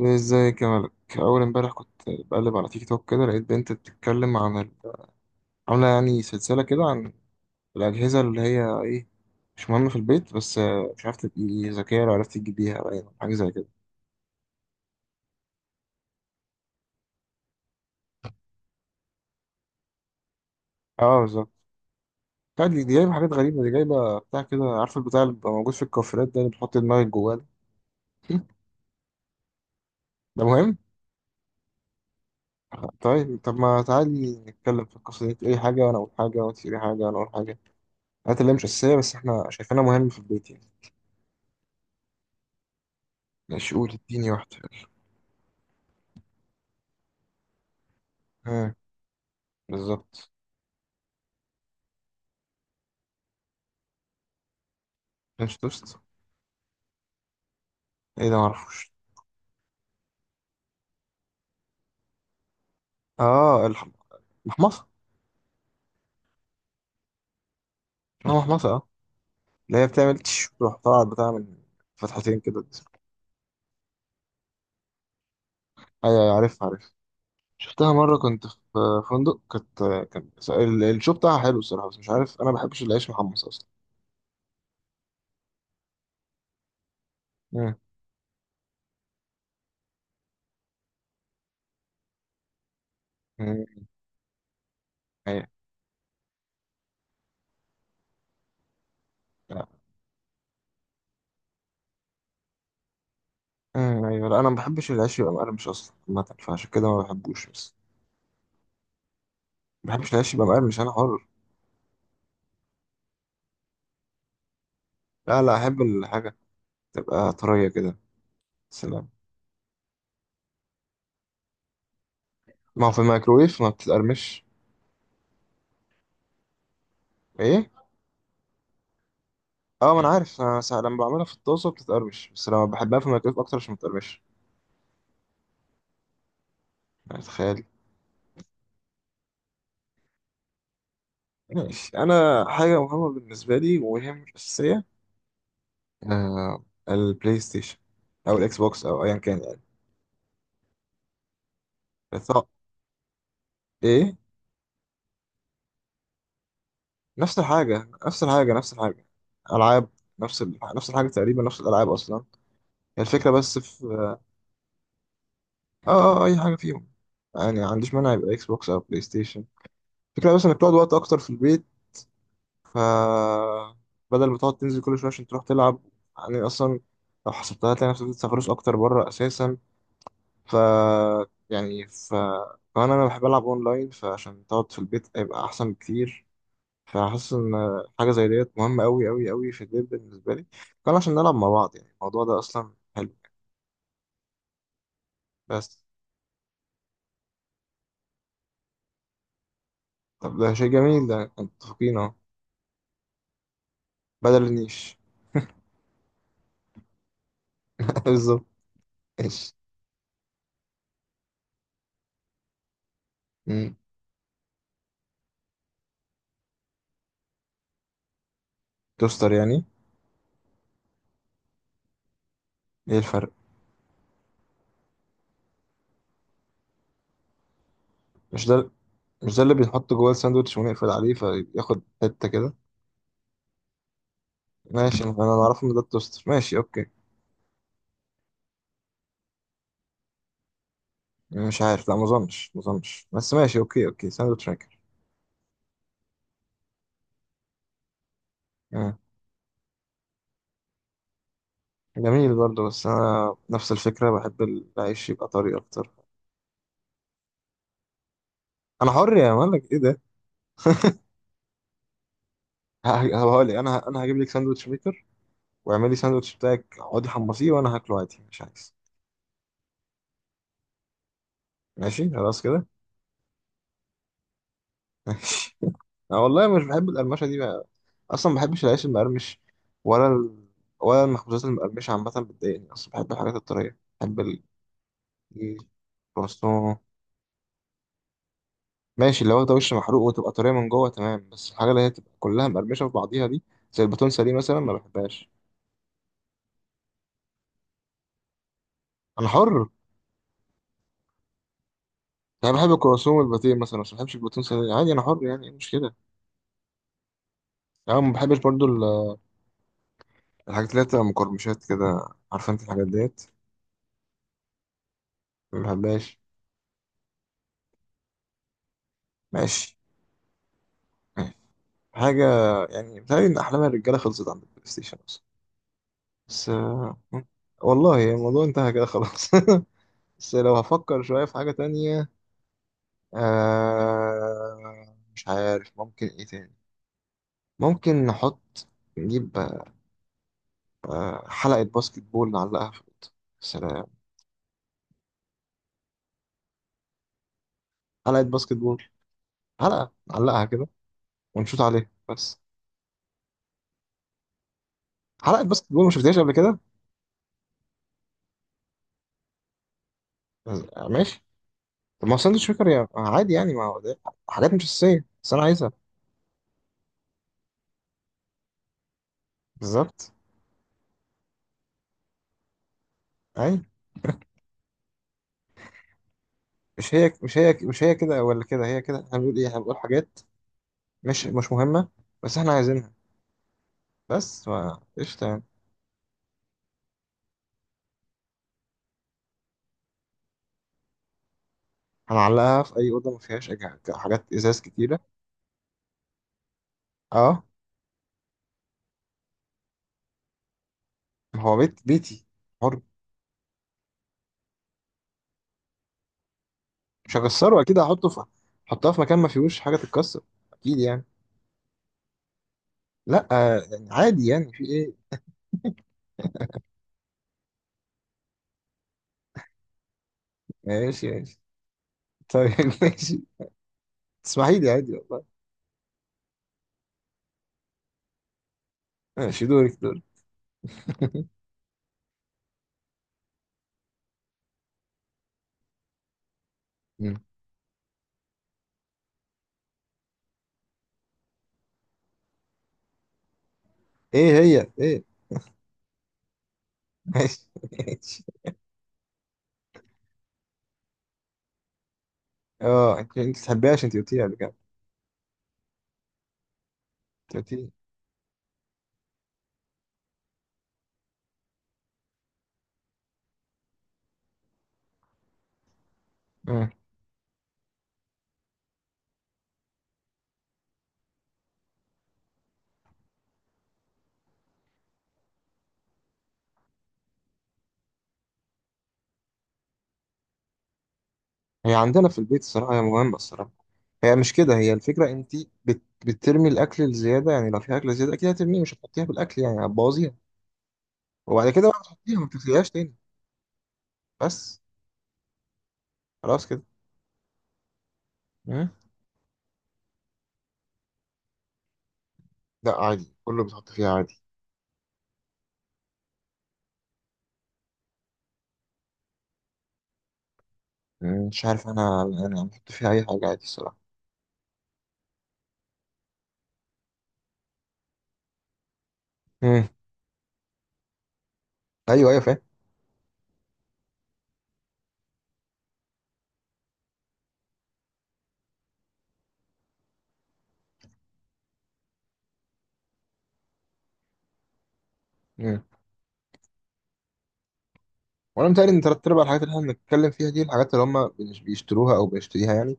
ازيك يا ملك. اول امبارح كنت بقلب على تيك توك كده، لقيت بنت بتتكلم عن عامله يعني سلسله كده عن الاجهزه اللي هي ايه، مش مهمه في البيت. بس مش عارف، تبقي ذكيه لو عرفت تجيبيها، باين حاجه زي كده. اه بالظبط. لا، دي جايبه حاجات غريبه، دي جايبه بتاع كده، عارف البتاع اللي بيبقى موجود في الكوافيرات ده، اللي بتحط دماغك جواه ده؟ ده مهم. طيب طب ما تعالي نتكلم في القصه دي، تقولي حاجه وانا اقول حاجه، وانت تقولي حاجه وانا اقول حاجه، الحاجات اللي هي مش اساسيه بس احنا شايفينها مهمه في البيت يعني. ماشي، قولي اديني واحده. بالظبط. فينش توست؟ ايه ده معرفوش. اه الح- المحمصه. اسمها محمصه اه. اللي هي بتعمل تش، تروح طالعة بتاع من فتحتين كده الجسم. ايوه أيوة، عارف عارف. شفتها مرة كنت في فندق، كانت كان الشو بتاعها حلو الصراحة، بس مش عارف، أنا ما بحبش العيش محمص أصلا. مم. مم. أيوة لا. مم. أيوة، لا، أنا ما بحبش العيش يبقى مقرمش أصلا عامة، فعشان كده ما بحبوش. بس ما بحبش العيش يبقى مقرمش، أنا حر. لا لا، أحب الحاجة تبقى طرية كده. سلام. ما هو في الميكروويف ما بتتقرمش. إيه؟ اه ما انا عارف، انا ساعة لما بعملها في الطاسه بتتقرمش، بس لما بحبها في الميكرويف اكتر عشان ما تتقرمش. يعني تخيل. ماشي. انا حاجه مهمه بالنسبه لي وهي مش اساسيه، البلاي ستيشن، او الاكس بوكس او ايا كان يعني. طب ايه. نفس الحاجه نفس الحاجه نفس الحاجه، العاب، نفس الحاجه تقريبا، نفس الالعاب اصلا، هي الفكره. بس في اي حاجه فيهم يعني، ما عنديش مانع يبقى اكس بوكس او بلاي ستيشن. الفكره بس انك تقعد وقت اكتر في البيت، ف بدل ما تقعد تنزل كل شويه عشان تروح تلعب، يعني اصلا لو حسبتها هتلاقي نفسك بتسافروش اكتر بره اساسا، ف يعني، كمان انا بحب العب اونلاين، فعشان تقعد في البيت هيبقى احسن بكتير. فحاسس ان حاجه زي ديت مهمه قوي قوي قوي في البيت بالنسبه لي، كان عشان نلعب مع بعض، يعني الموضوع ده اصلا حلو. بس طب ده شيء جميل، ده متفقين اهو. بدل النيش. بالظبط. ايش. مم. توستر يعني. ايه الفرق؟ مش ده. مش ده اللي بيتحط جوه الساندوتش ونقفل عليه فياخد حتة كده؟ ماشي، أنا اعرفه ان ده التوستر، ماشي اوكي. مش عارف، لا، ما اظنش ما اظنش، بس ماشي اوكي اوكي، ساندوتش ميكر. مم. جميل برضه، بس انا نفس الفكرة، بحب العيش يبقى طري اكتر. انا حر يا مالك، ايه ده. هقول لك، انا هجيب لك ساندوتش ميكر، واعملي ساندوتش بتاعك، اقعدي حمصيه وانا هاكله عادي مش عايز. ماشي خلاص كده. ماشي. انا والله مش بحب القرمشة دي، اصلا ما بحبش العيش المقرمش، ولا ال... ولا المخبوزات المقرمشه عامه بتضايقني اصلا، بحب الحاجات الطريه، بحب الكرواسون. ماشي، اللي واخده وش محروق وتبقى طريه من جوه تمام، بس الحاجه اللي هي تبقى كلها مقرمشه في بعضيها دي، زي الباتونسه دي مثلا ما بحبهاش. انا حر يعني، بحب الكرواسون والباتيه مثلا، بس ما بحبش الباتونسه دي عادي، انا حر يعني، ايه المشكله. يعني ما بحبش برضو الحاجات اللي هي بتبقى مقرمشات كده، عارفه انت الحاجات ديت، ما بحبهاش. ماشي ماشي. حاجه، يعني بتهيألي ان احلام الرجاله خلصت عند البلاي ستيشن أصلاً. بس والله يعني الموضوع انتهى كده خلاص. بس لو هفكر شوية في حاجة تانية، مش عارف ممكن ايه تاني، ممكن نحط، نجيب حلقة باسكت بول نعلقها في الأوضة. سلام. حلقة باسكت بول، حلقة نعلقها كده ونشوط عليها بس. حلقة باسكت بول ما شفتهاش قبل كده؟ ماشي. طب ما هو ساندوتش ميكر عادي يعني، ما هو ده حاجات مش أساسية بس أنا عايزها. بالظبط. أي. مش هي كده ولا كده، هي كده، احنا بنقول ايه؟ احنا بنقول حاجات مش مهمة بس احنا عايزينها. بس ف- قشطة يعني. هنعلقها في أي أوضة ما فيهاش حاجات إزاز كتيرة. اه ما هو بيت بيتي، حر. مش هكسره أكيد، هحطه في، هحطها في مكان ما فيهوش حاجة تتكسر، أكيد يعني. لأ يعني عادي يعني في إيه. ماشي ماشي. طيب ماشي، تسمحي لي عادي والله. ماشي، دورك دورك. مم. إيه هي إيه؟ ماشي ماشي. اه، أنت بتحبيهاش، أنت قلتيها قبل كده، أنت قلتي. آه. هي عندنا في البيت الصراحة هي مهمة الصراحة، هي مش كده، هي الفكرة انت بترمي الاكل الزيادة، يعني لو في اكل زيادة اكيد هترميه، مش هتحطيها في الاكل يعني هتبوظيها. وبعد كده بقى بتحطيها، ما بتغسليهاش تاني، بس خلاص كده. مم. لا عادي، كله بتحط فيها عادي. مم، مش عارف، انا بحط فيها اي حاجة عادي الصراحة. مم. ايوه ايوه فاهم. مم. وانا متهيألي ان تلات ارباع الحاجات اللي احنا بنتكلم فيها دي، الحاجات اللي هم بيشتروها او بيشتريها يعني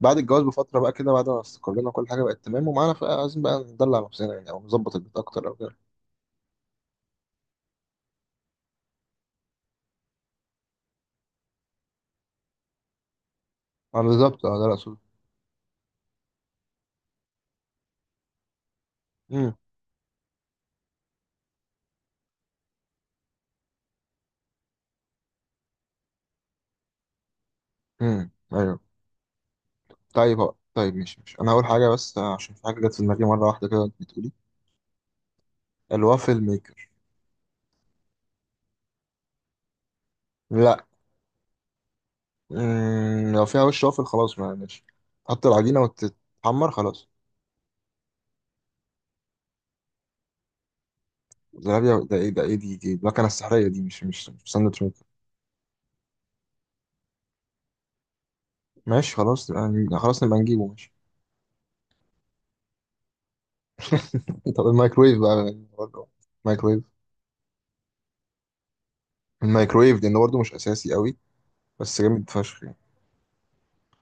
بعد الجواز بفترة بقى كده، بعد ما استقرينا كل حاجة بقت تمام ومعانا، بقى عايزين بقى ندلع نفسنا يعني، او نظبط البيت اكتر او كده. بالظبط اه، ده اللي اقصده. مم. مم. ايوه. طيب هو، طيب مش انا اول حاجه، بس عشان في حاجه جت في دماغي مره واحده كده وانت بتقولي، الوافل ميكر. لا. لو فيها وش وافل خلاص ما ماشي، تحط العجينه وتتحمر خلاص. زلابيا ده ايه، ده ايه دي، دي المكنه السحريه دي؟ مش ساندوتش ميكر. ماشي خلاص يعني، خلاص نبقى نجيبه، ماشي. طب الميكرويف بقى برضه. الميكرويف. الميكرويف ده انه برضه مش اساسي قوي، بس جامد فشخ يعني.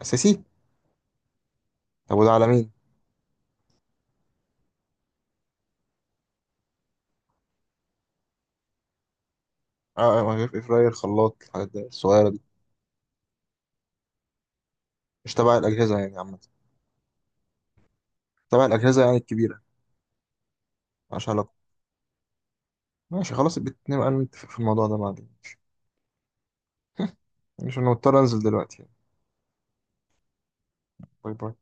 اساسي. طب وده على مين؟ اه، ميكرويف، اير فراير، خلاط، الحاجات دي الصغيره دي، مش تبع الاجهزه يعني عامه، تبع الاجهزه يعني الكبيره، ملهاش علاقة. ماشي خلاص، نبقى نتفق في الموضوع ده بعدين. ماشي. عشان مضطر انزل دلوقتي. باي باي.